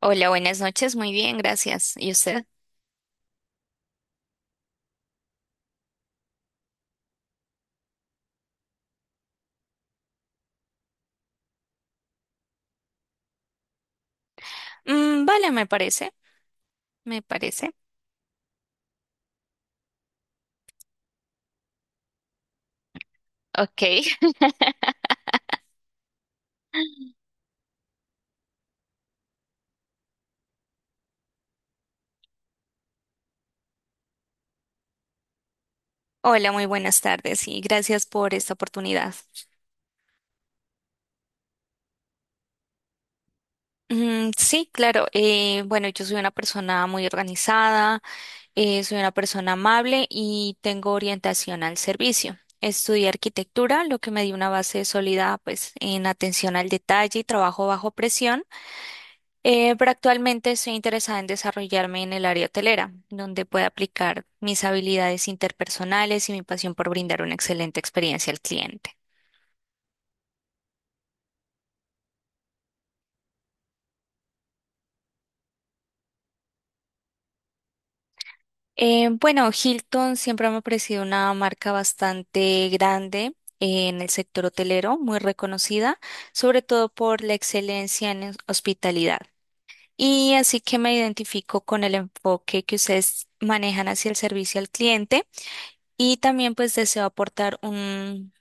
Hola, buenas noches. Muy bien, gracias. ¿Y usted? Vale, me parece. Ok. Hola, muy buenas tardes y gracias por esta oportunidad. Sí, claro. Bueno, yo soy una persona muy organizada, soy una persona amable y tengo orientación al servicio. Estudié arquitectura, lo que me dio una base sólida, pues, en atención al detalle y trabajo bajo presión. Pero actualmente estoy interesada en desarrollarme en el área hotelera, donde pueda aplicar mis habilidades interpersonales y mi pasión por brindar una excelente experiencia al cliente. Bueno, Hilton siempre me ha parecido una marca bastante grande en el sector hotelero, muy reconocida, sobre todo por la excelencia en hospitalidad. Y así que me identifico con el enfoque que ustedes manejan hacia el servicio al cliente y también pues deseo aportar un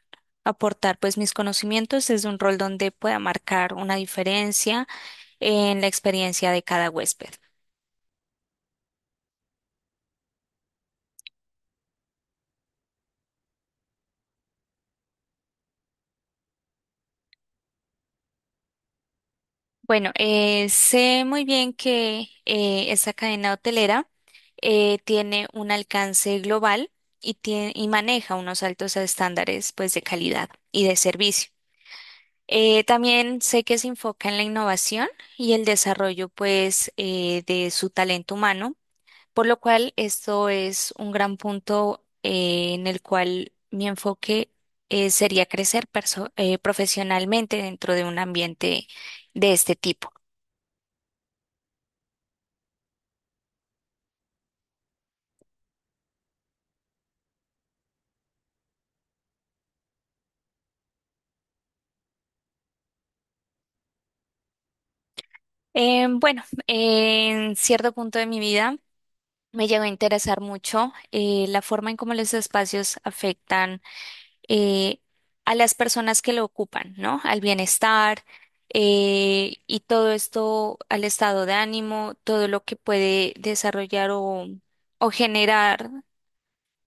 aportar pues mis conocimientos desde un rol donde pueda marcar una diferencia en la experiencia de cada huésped. Bueno, sé muy bien que esa cadena hotelera tiene un alcance global y maneja unos altos estándares pues de calidad y de servicio. También sé que se enfoca en la innovación y el desarrollo pues de su talento humano. Por lo cual, esto es un gran punto en el cual mi enfoque sería crecer profesionalmente dentro de un ambiente de este tipo. Bueno, en cierto punto de mi vida me llegó a interesar mucho la forma en cómo los espacios afectan eh, a las personas que lo ocupan, ¿no? Al bienestar y todo esto, al estado de ánimo, todo lo que puede desarrollar o generar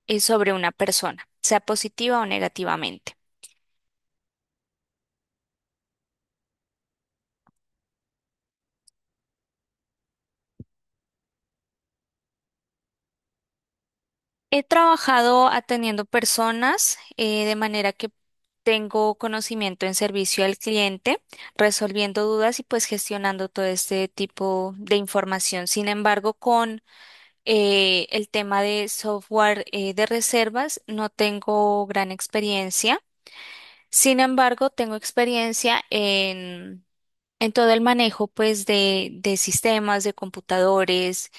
sobre una persona, sea positiva o negativamente. He trabajado atendiendo personas de manera que tengo conocimiento en servicio al cliente, resolviendo dudas y pues gestionando todo este tipo de información. Sin embargo, con El tema de software de reservas no tengo gran experiencia. Sin embargo, tengo experiencia en todo el manejo pues de sistemas, de computadores.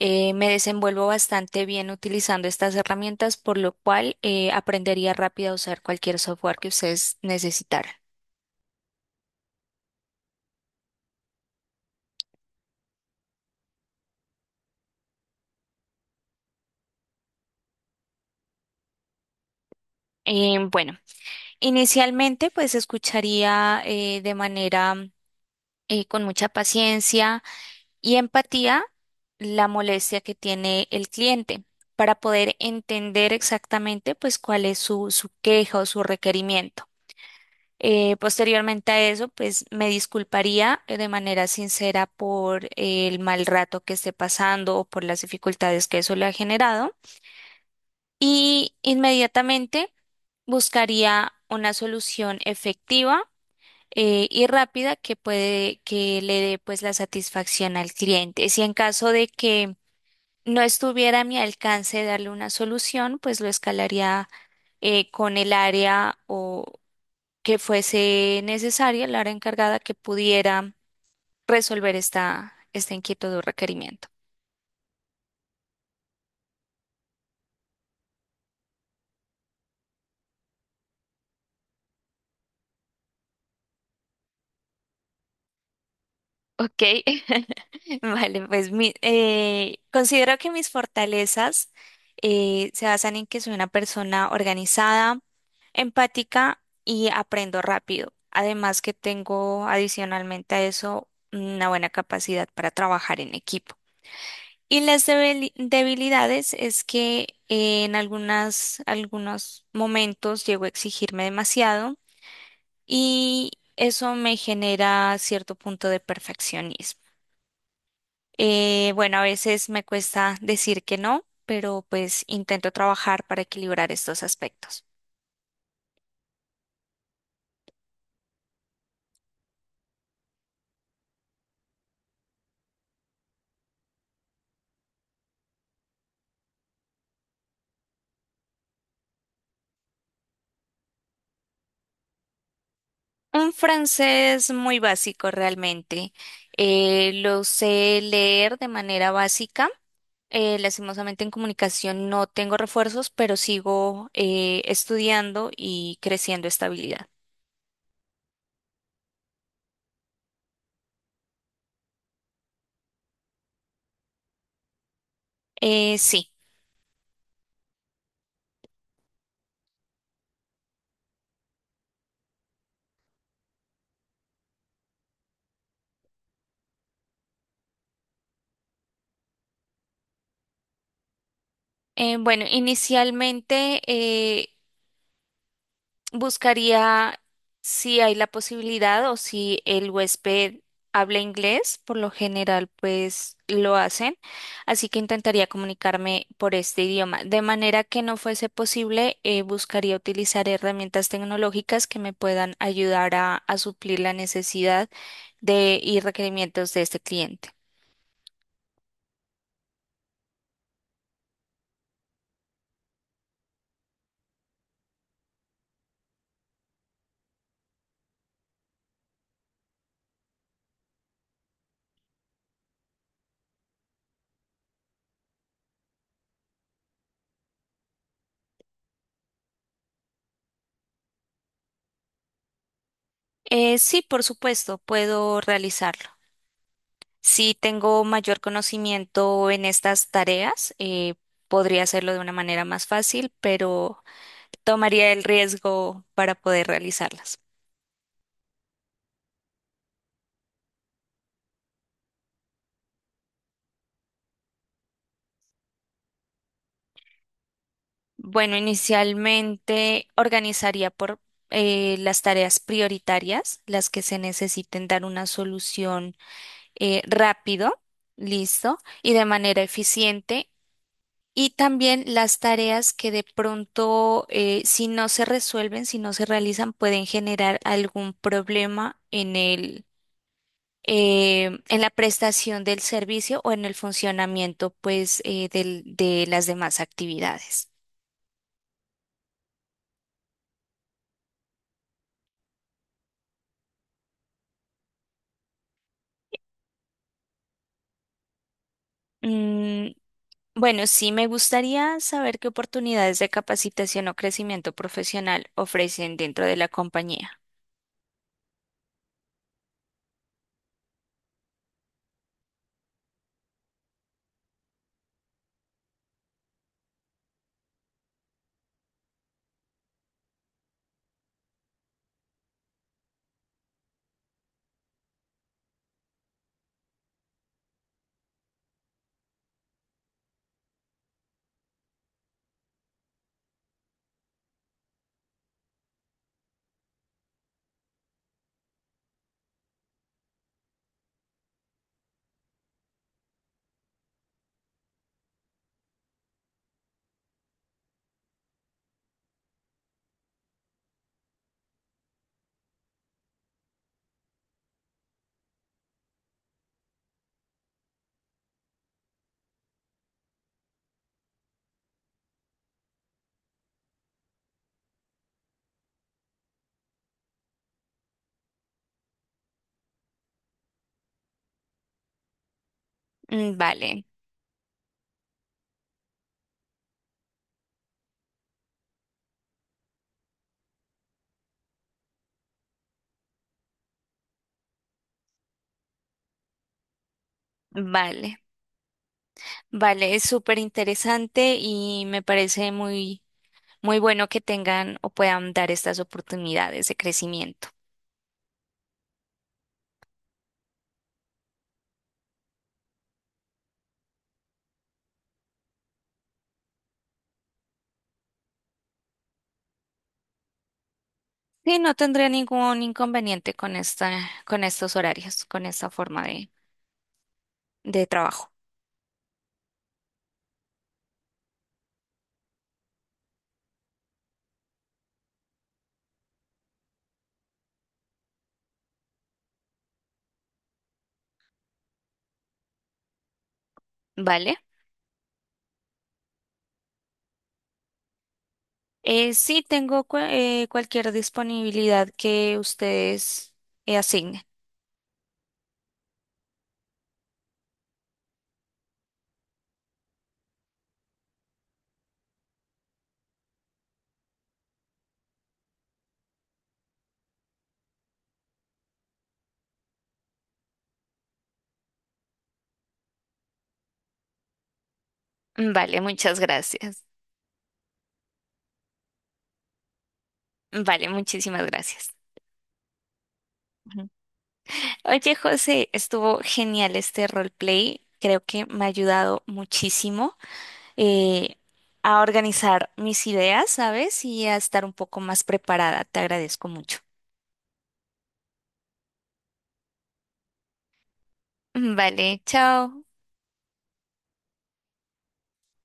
Me desenvuelvo bastante bien utilizando estas herramientas, por lo cual aprendería rápido a usar cualquier software que ustedes necesitaran. Bueno, inicialmente pues escucharía de manera con mucha paciencia y empatía, la molestia que tiene el cliente para poder entender exactamente pues cuál es su queja o su requerimiento. Posteriormente a eso, pues me disculparía de manera sincera por el mal rato que esté pasando o por las dificultades que eso le ha generado, y inmediatamente buscaría una solución efectiva y rápida que puede que le dé pues la satisfacción al cliente. Si en caso de que no estuviera a mi alcance darle una solución, pues lo escalaría con el área o que fuese necesaria, el área encargada que pudiera resolver esta inquietud o requerimiento. Ok. Vale, pues considero que mis fortalezas se basan en que soy una persona organizada, empática y aprendo rápido. Además que tengo adicionalmente a eso una buena capacidad para trabajar en equipo. Y las debilidades es que en algunos momentos llego a exigirme demasiado y eso me genera cierto punto de perfeccionismo. Bueno, a veces me cuesta decir que no, pero pues intento trabajar para equilibrar estos aspectos. Un francés muy básico realmente. Lo sé leer de manera básica. Lastimosamente en comunicación no tengo refuerzos, pero sigo estudiando y creciendo esta habilidad. Sí. Bueno, inicialmente buscaría si hay la posibilidad o si el huésped habla inglés. Por lo general, pues lo hacen. Así que intentaría comunicarme por este idioma. De manera que no fuese posible, buscaría utilizar herramientas tecnológicas que me puedan ayudar a suplir la necesidad de y requerimientos de este cliente. Sí, por supuesto, puedo realizarlo. Si tengo mayor conocimiento en estas tareas, podría hacerlo de una manera más fácil, pero tomaría el riesgo para poder realizarlas. Bueno, inicialmente organizaría por las tareas prioritarias, las que se necesiten dar una solución rápido, listo, y de manera eficiente. Y también las tareas que de pronto, si no se resuelven, si no se realizan, pueden generar algún problema en la prestación del servicio o en el funcionamiento, pues, de las demás actividades. Mm, bueno, sí me gustaría saber qué oportunidades de capacitación o crecimiento profesional ofrecen dentro de la compañía. Vale. vale, vale, es súper interesante y me parece muy muy bueno que tengan o puedan dar estas oportunidades de crecimiento. Sí, no tendría ningún inconveniente con esta, con estos horarios, con esta forma de trabajo, ¿vale? Sí, tengo cualquier disponibilidad que ustedes asignen. Vale, muchas gracias. Vale, muchísimas gracias. Ujú. Oye, José, estuvo genial este roleplay. Creo que me ha ayudado muchísimo eh, a organizar mis ideas, ¿sabes? Y a estar un poco más preparada. Te agradezco mucho. Vale, chao.